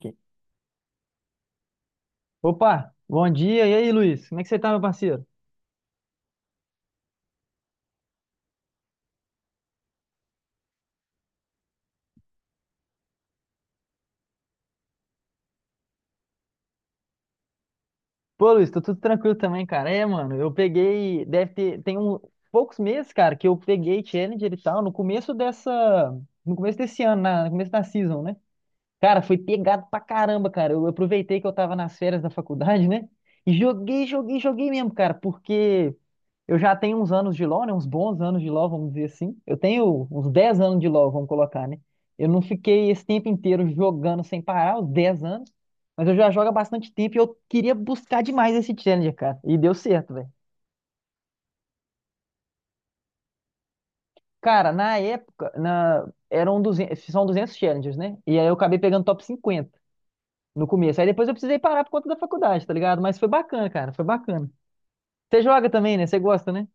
Aqui. Opa, bom dia. E aí, Luiz? Como é que você tá, meu parceiro? Pô, Luiz, tô tudo tranquilo também, cara. É, mano, eu peguei, deve ter, tem um, poucos meses, cara, que eu peguei Challenger e tal, no começo desse ano, no começo da season, né? Cara, foi pegado pra caramba, cara. Eu aproveitei que eu tava nas férias da faculdade, né? E joguei, joguei, joguei mesmo, cara, porque eu já tenho uns anos de LoL, né? Uns bons anos de LoL, vamos dizer assim. Eu tenho uns 10 anos de LoL, vamos colocar, né? Eu não fiquei esse tempo inteiro jogando sem parar, os 10 anos, mas eu já jogo há bastante tempo e eu queria buscar demais esse challenger, cara. E deu certo, velho. Cara, na época, eram 200, são 200 challengers, né? E aí eu acabei pegando top 50. No começo. Aí depois eu precisei parar por conta da faculdade, tá ligado? Mas foi bacana, cara, foi bacana. Você joga também, né? Você gosta, né?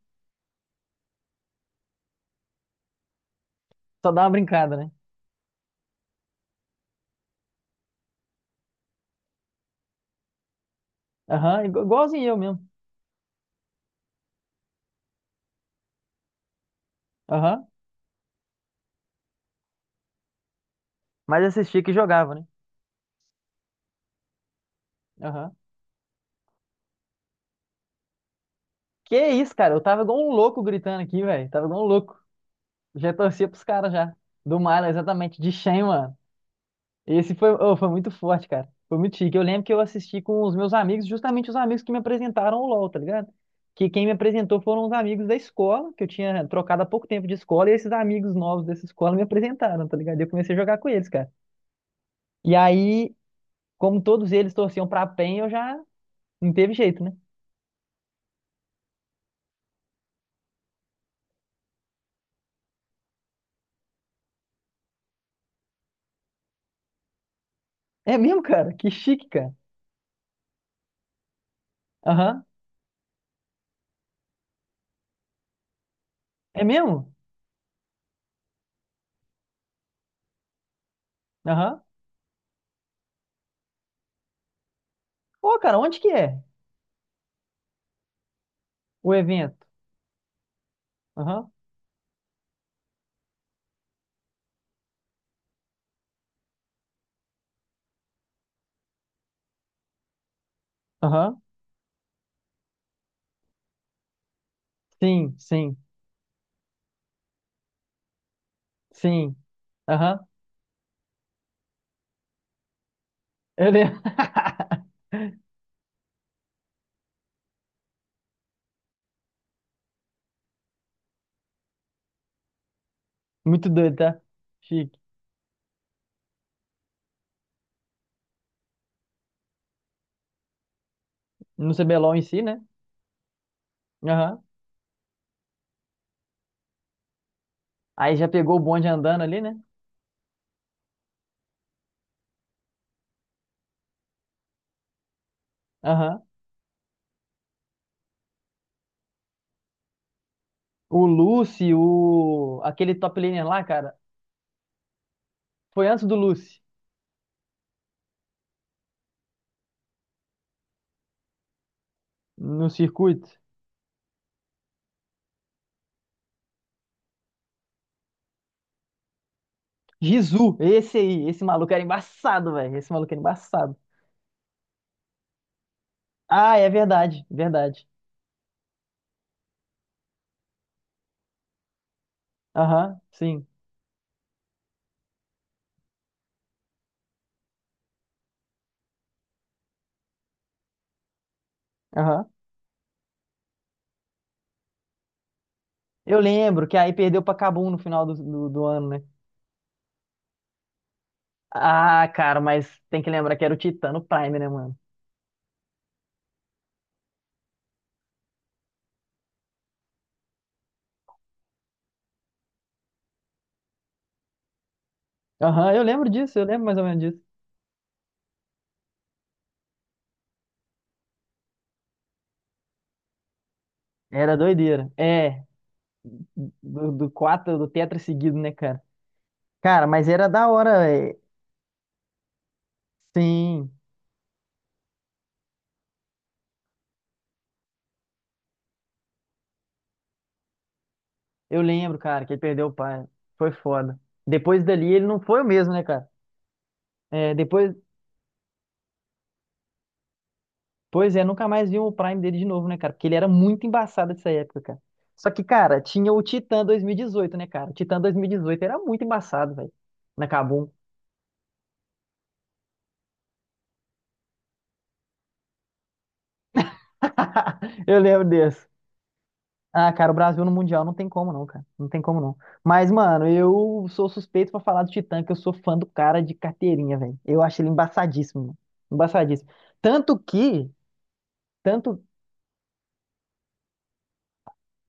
Só dá uma brincada, né? Aham, igualzinho eu mesmo. Aham. Mas assistia que jogava, né? Aham. Que isso, cara? Eu tava igual um louco gritando aqui, velho. Tava igual um louco. Já torcia pros caras já. Do Milo, exatamente. De Shen, mano. Esse foi, oh, foi muito forte, cara. Foi muito chique. Eu lembro que eu assisti com os meus amigos, justamente os amigos que me apresentaram o LoL, tá ligado? Que quem me apresentou foram os amigos da escola, que eu tinha trocado há pouco tempo de escola, e esses amigos novos dessa escola me apresentaram, tá ligado? E eu comecei a jogar com eles, cara. E aí, como todos eles torciam pra PEN, eu já não teve jeito, né? É mesmo, cara? Que chique, cara. Aham. É mesmo? Aham. Ô, cara, onde que é o evento? Aham. Aham. Sim, sim, sim. Aham. Eu lembro. Muito doido, tá? Chique. No CBLOL em si, né? Aham. Aí já pegou o bonde andando ali, né? Aham. O Lucy, aquele top laner lá, cara, foi antes do Lucy, no circuito. Jizu, esse aí, esse maluco era embaçado, velho. Esse maluco era embaçado. Ah, é verdade, verdade. Aham, sim. Aham. Eu lembro que aí perdeu pra Kabum no final do ano, né? Ah, cara, mas tem que lembrar que era o Titano Prime, né, mano? Aham, eu lembro disso, eu lembro mais ou menos disso. Era doideira. É, do, do quatro, do tetra seguido, né, cara? Cara, mas era da hora, velho. Sim, eu lembro, cara, que ele perdeu o pai. Foi foda. Depois dali ele não foi o mesmo, né, cara? É, depois, pois é, nunca mais vi o Prime dele de novo, né, cara? Porque ele era muito embaçado dessa época, cara. Só que, cara, tinha o Titã 2018 né, cara? O Titã 2018 era muito embaçado, velho. Na Kabum. Eu lembro desse. Ah, cara, o Brasil no Mundial não tem como não, cara. Não tem como não. Mas, mano, eu sou suspeito pra falar do Titã, que eu sou fã do cara de carteirinha, velho. Eu acho ele embaçadíssimo, mano. Embaçadíssimo. Tanto que, tanto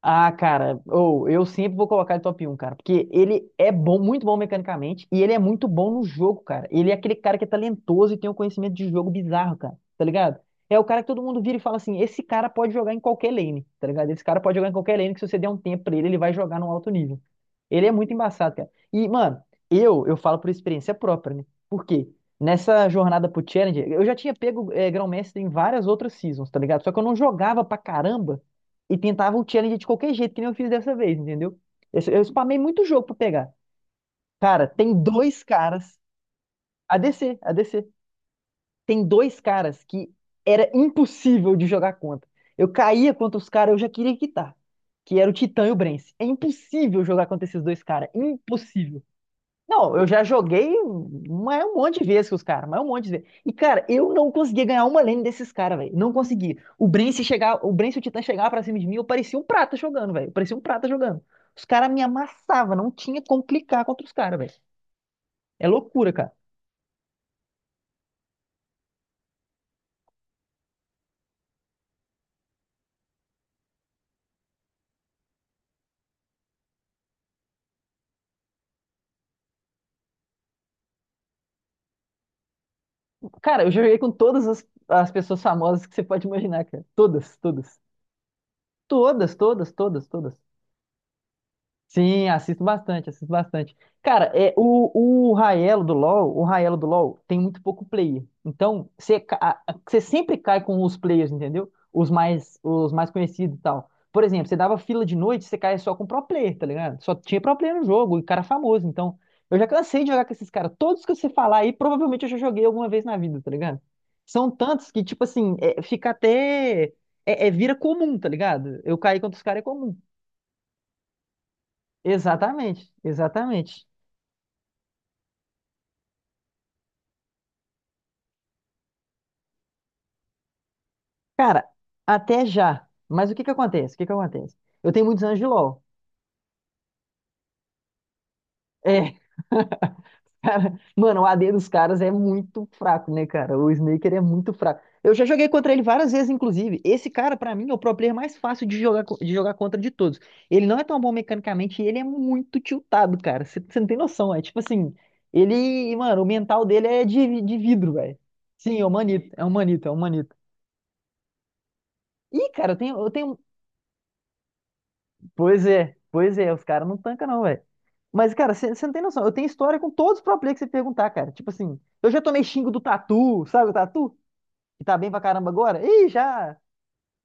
Ah, cara, ou eu sempre vou colocar ele top 1, cara, porque ele é bom, muito bom mecanicamente e ele é muito bom no jogo, cara. Ele é aquele cara que é talentoso e tem um conhecimento de jogo bizarro, cara, tá ligado? É o cara que todo mundo vira e fala assim: esse cara pode jogar em qualquer lane, tá ligado? Esse cara pode jogar em qualquer lane que se você der um tempo pra ele, ele vai jogar num alto nível. Ele é muito embaçado, cara. E, mano, eu falo por experiência própria, né? Por quê? Nessa jornada pro Challenger, eu já tinha pego Grão-Mestre em várias outras seasons, tá ligado? Só que eu não jogava pra caramba e tentava o challenge de qualquer jeito, que nem eu fiz dessa vez, entendeu? Eu spamei muito jogo pra pegar. Cara, tem dois caras. A ADC, ADC. Tem dois caras que era impossível de jogar contra. Eu caía contra os caras, eu já queria quitar. Que era o Titã e o Brence. É impossível jogar contra esses dois caras. Impossível. Não, eu já joguei mas é um monte de vezes com os caras, mas é um monte de vezes. E, cara, eu não conseguia ganhar uma lane desses caras, velho. Não consegui. O Bren, chegar, o Bren, se o Titã chegava pra cima de mim, eu parecia um prata jogando, velho. Eu parecia um prata jogando. Os caras me amassavam, não tinha como clicar contra os caras, velho. É loucura, cara. Cara, eu joguei com todas as, as pessoas famosas que você pode imaginar, cara. Todas, todas. Todas, todas, todas, todas. Sim, assisto bastante, assisto bastante. Cara, é, o Raelo do LoL, o Raelo do LoL tem muito pouco player. Então, você ca- a- você sempre cai com os players, entendeu? Os mais conhecidos e tal. Por exemplo, você dava fila de noite, você caia só com pro player, tá ligado? Só tinha pro player no jogo, e cara famoso. Então, eu já cansei de jogar com esses caras. Todos que você falar aí, provavelmente eu já joguei alguma vez na vida, tá ligado? São tantos que, tipo assim, é, fica até. É, é- vira comum, tá ligado? Eu cair contra os caras é comum. Exatamente, exatamente. Cara, até já. Mas o que que acontece? O que que acontece? Eu tenho muitos anos de LoL. É, cara, mano, o A d dos caras é muito fraco, né, cara? O Snaker é muito fraco. Eu já joguei contra ele várias vezes, inclusive. Esse cara, pra mim, é o pro player mais fácil de jogar, de jogar contra de todos. Ele não é tão bom mecanicamente e ele é muito tiltado, cara. Você não tem noção, é tipo assim, ele, mano, o mental dele é de vidro, velho. Sim, é um manito, é um manito, é um manito. Ih, cara, eu tenho pois é, os caras não tancam não, velho. Mas, cara, você não tem noção, eu tenho história com todos os pro player que você perguntar, cara. Tipo assim, eu já tomei xingo do Tatu, sabe o Tatu? Que tá bem pra caramba agora? Ih, já!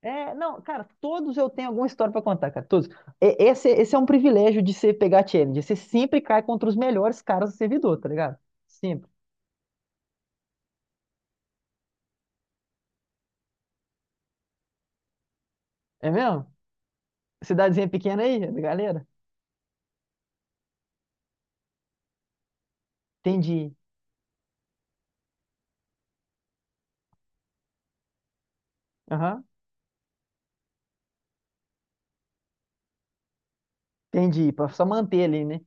É, não, cara, todos eu tenho alguma história pra contar, cara, todos. É, esse é um privilégio de você pegar challenge, você sempre cai contra os melhores caras do servidor, tá ligado? Sempre. É mesmo? Cidadezinha pequena aí, galera? Entendi. Aham, entendi, pra só manter ali, né?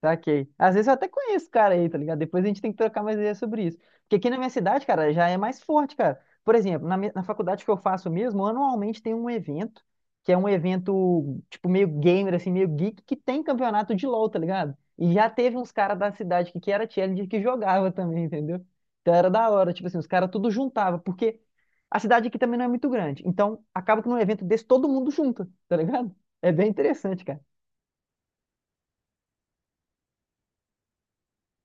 Saquei. Às vezes eu até conheço o cara aí, tá ligado? Depois a gente tem que trocar mais ideias sobre isso. Porque aqui na minha cidade, cara, já é mais forte, cara. Por exemplo, na, mi- na faculdade que eu faço mesmo, anualmente tem um evento, que é um evento, tipo, meio gamer, assim, meio geek, que tem campeonato de LoL, tá ligado? E já teve uns caras da cidade que era challenger que jogava também, entendeu? Então era da hora, tipo assim, os caras tudo juntava, porque a cidade aqui também não é muito grande. Então acaba que num evento desse todo mundo junta, tá ligado? É bem interessante, cara.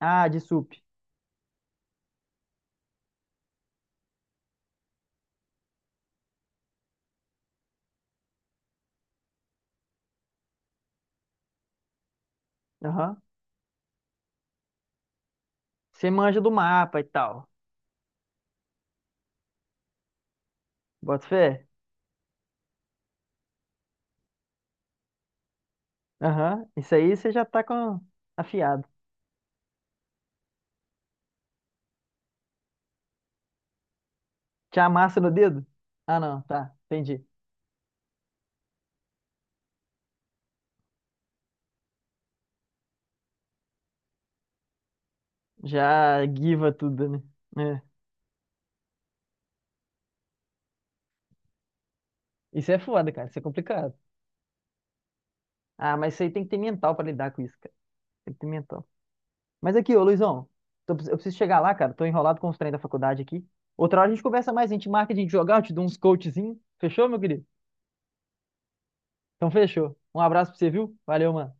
Ah, de sup. Aham. Você manja do mapa e tal. Bota fé? Aham. Isso aí você já tá com afiado. Já amassa no dedo? Ah, não, tá. Entendi. Já guiva tudo, né? É. Isso é foda, cara. Isso é complicado. Ah, mas isso aí tem que ter mental pra lidar com isso, cara. Tem que ter mental. Mas aqui, ô Luizão, eu preciso chegar lá, cara. Tô enrolado com os treinos da faculdade aqui. Outra hora a gente conversa mais, a gente marca de jogar, eu te dou uns coachzinho. Fechou, meu querido? Então fechou. Um abraço pra você, viu? Valeu, mano.